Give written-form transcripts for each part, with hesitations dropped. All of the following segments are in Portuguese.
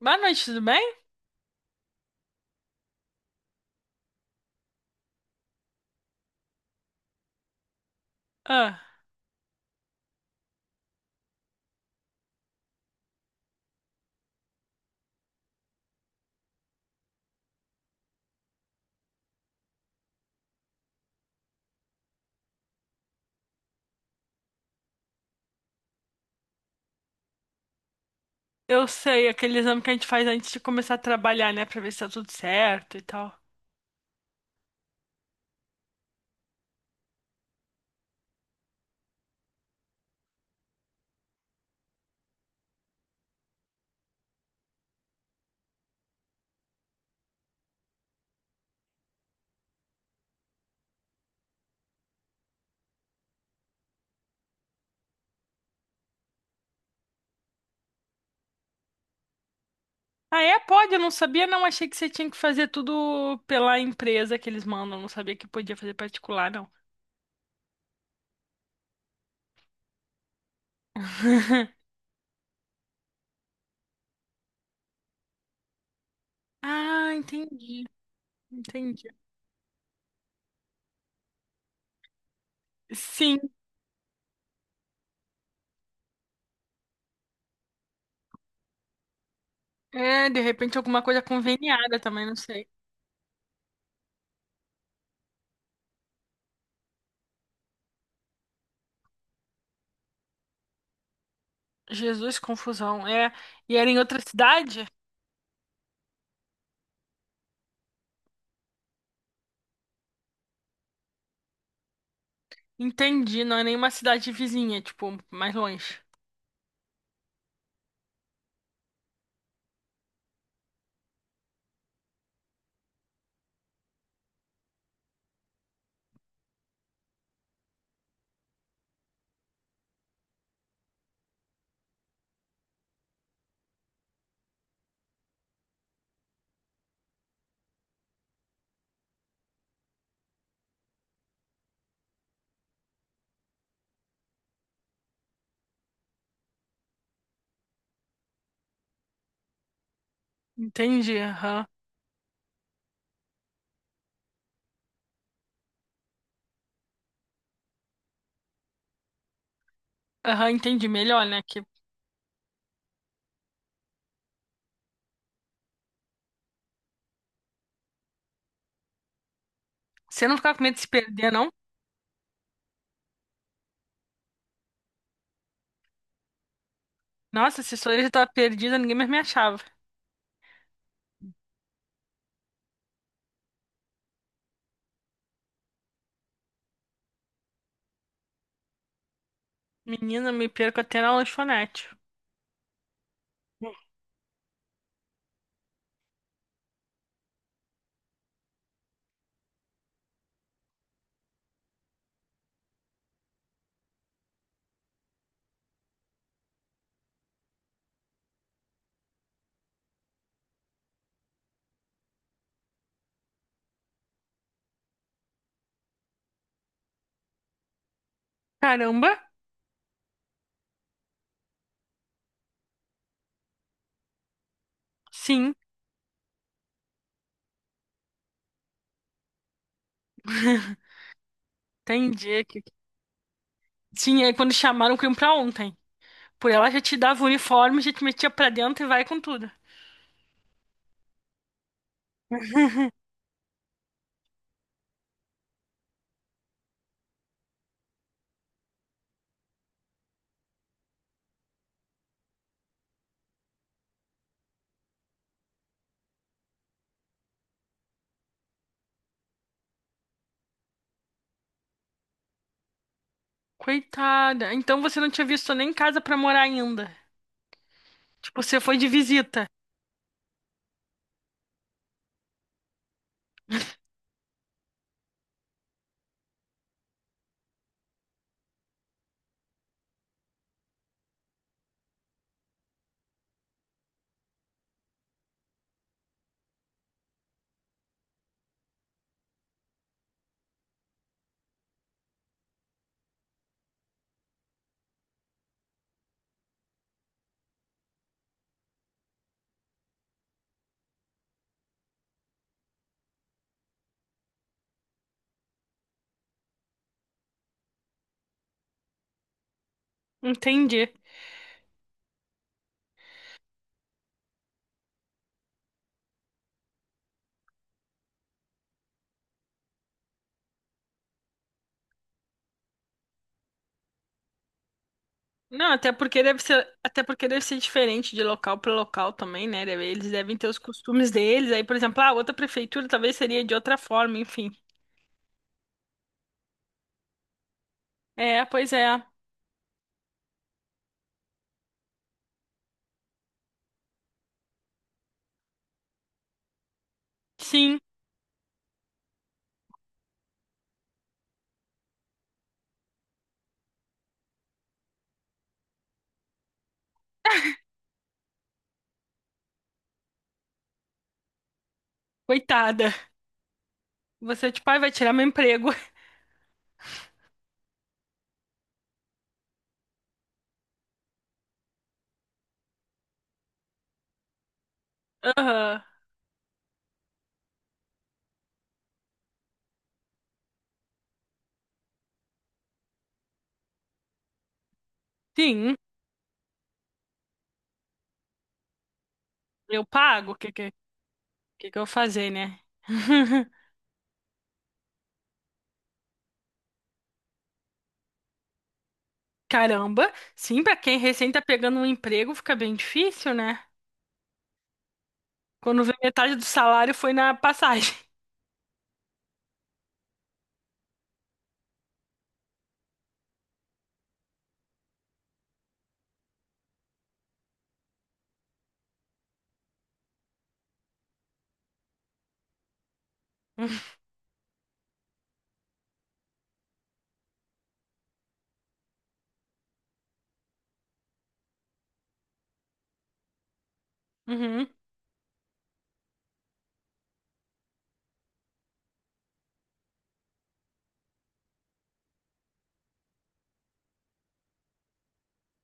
Boa noite, tudo bem? Ah, eu sei, aquele exame que a gente faz antes de começar a trabalhar, né? Pra ver se tá tudo certo e tal. Ah, é? Pode, eu não sabia, não. Achei que você tinha que fazer tudo pela empresa que eles mandam. Não sabia que podia fazer particular, não. Ah, entendi. Entendi. Sim. É, de repente alguma coisa conveniada também, não sei. Jesus, confusão. É, e era em outra cidade? Entendi, não é nenhuma cidade vizinha, tipo, mais longe. Entendi, aham. Aham, entendi. Melhor, né? Que você não ficava com medo de se perder, não? Nossa, se sou eu já tava perdida, ninguém mais me achava. Menina, me perco até na lanchonete. Caramba, sim. Entendi. Sim, aí quando chamaram, eu pra ontem. Por ela já te dava o uniforme, já te metia pra dentro e vai com tudo. Coitada. Então você não tinha visto nem casa pra morar ainda. Tipo, você foi de visita. Entendi. Não, até porque deve ser, até porque deve ser diferente de local para local também, né? Eles devem ter os costumes deles. Aí, por exemplo, a outra prefeitura talvez seria de outra forma, enfim. É, pois é. Sim, coitada. Você, tipo, ai, vai tirar meu emprego. Aham. Sim, eu pago. Que eu vou fazer, né? Caramba. Sim, pra quem recém tá pegando um emprego, fica bem difícil, né? Quando vê metade do salário foi na passagem. Uhum,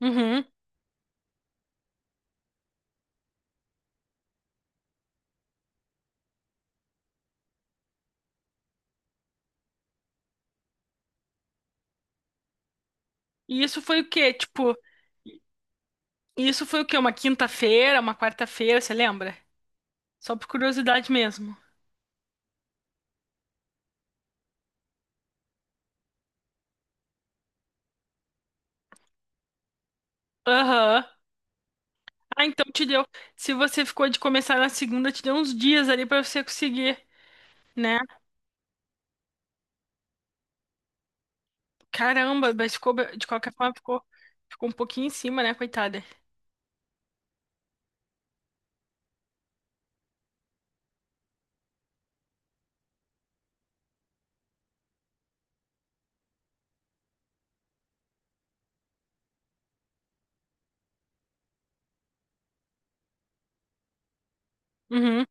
uhum. E isso foi o quê? Tipo, e isso foi o quê? Uma quinta-feira, uma quarta-feira, você lembra? Só por curiosidade mesmo. Aham. Ah, então te deu. Se você ficou de começar na segunda, te deu uns dias ali pra você conseguir, né? Caramba, mas ficou, de qualquer forma, ficou um pouquinho em cima, né, coitada? Uhum.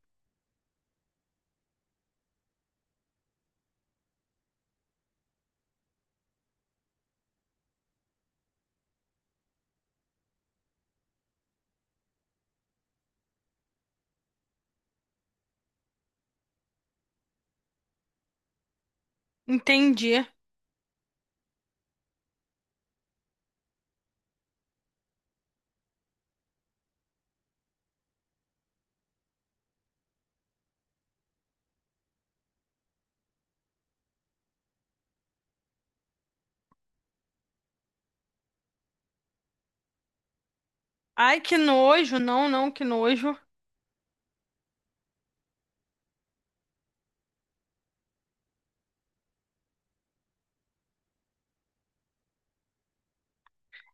Entendi. Ai, que nojo. Não, não, que nojo.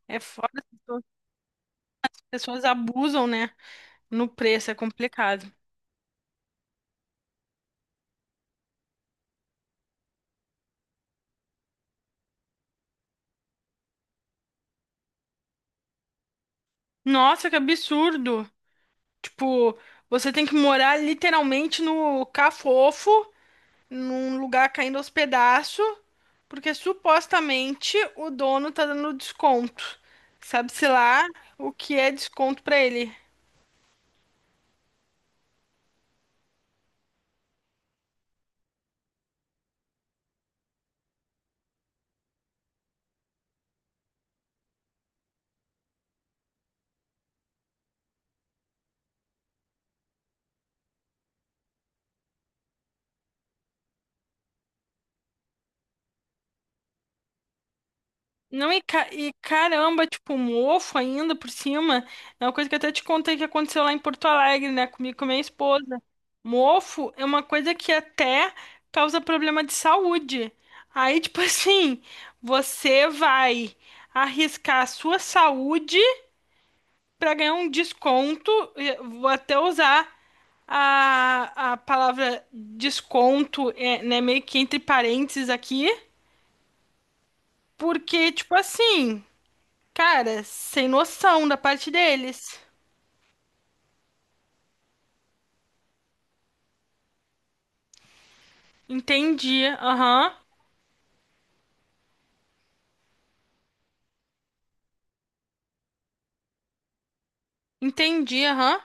É foda, as pessoas abusam, né? No preço, é complicado. Nossa, que absurdo. Tipo, você tem que morar literalmente no Cafofo num lugar caindo aos pedaços, porque supostamente o dono tá dando desconto. Sabe-se lá o que é desconto pra ele. Não, e caramba, tipo, um mofo ainda por cima. É uma coisa que eu até te contei que aconteceu lá em Porto Alegre, né? Comigo e com a minha esposa. Mofo é uma coisa que até causa problema de saúde. Aí, tipo, assim, você vai arriscar a sua saúde para ganhar um desconto, vou até usar a palavra desconto, né, meio que entre parênteses aqui, porque, tipo assim, cara, sem noção da parte deles. Entendi, aham. Entendi, aham.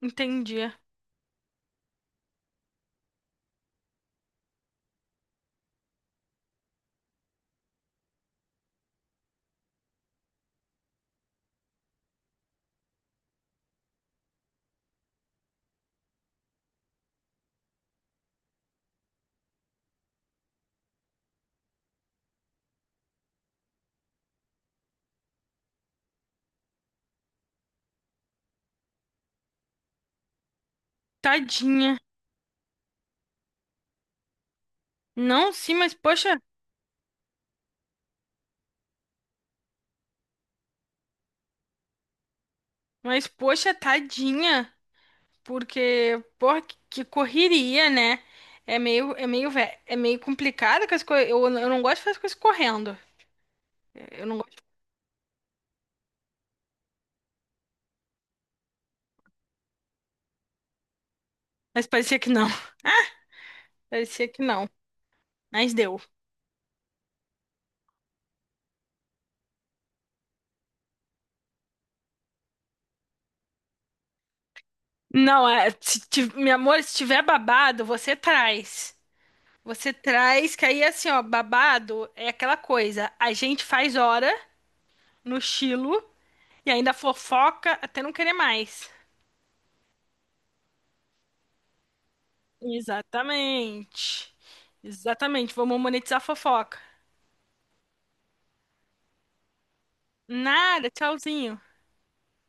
Entendi. Tadinha. Não, sim, mas poxa, tadinha. Porque, porra, que correria, né? É meio complicado com as coisas. Eu não gosto de fazer as coisas correndo. Eu não gosto. Mas parecia que não. Parecia que não. Mas deu. Não, é, se, ti- Meu amor, se tiver babado, você traz. Você traz, que aí assim, ó, babado é aquela coisa. A gente faz hora no estilo e ainda fofoca até não querer mais. Exatamente. Exatamente. Vamos monetizar a fofoca. Nada, tchauzinho.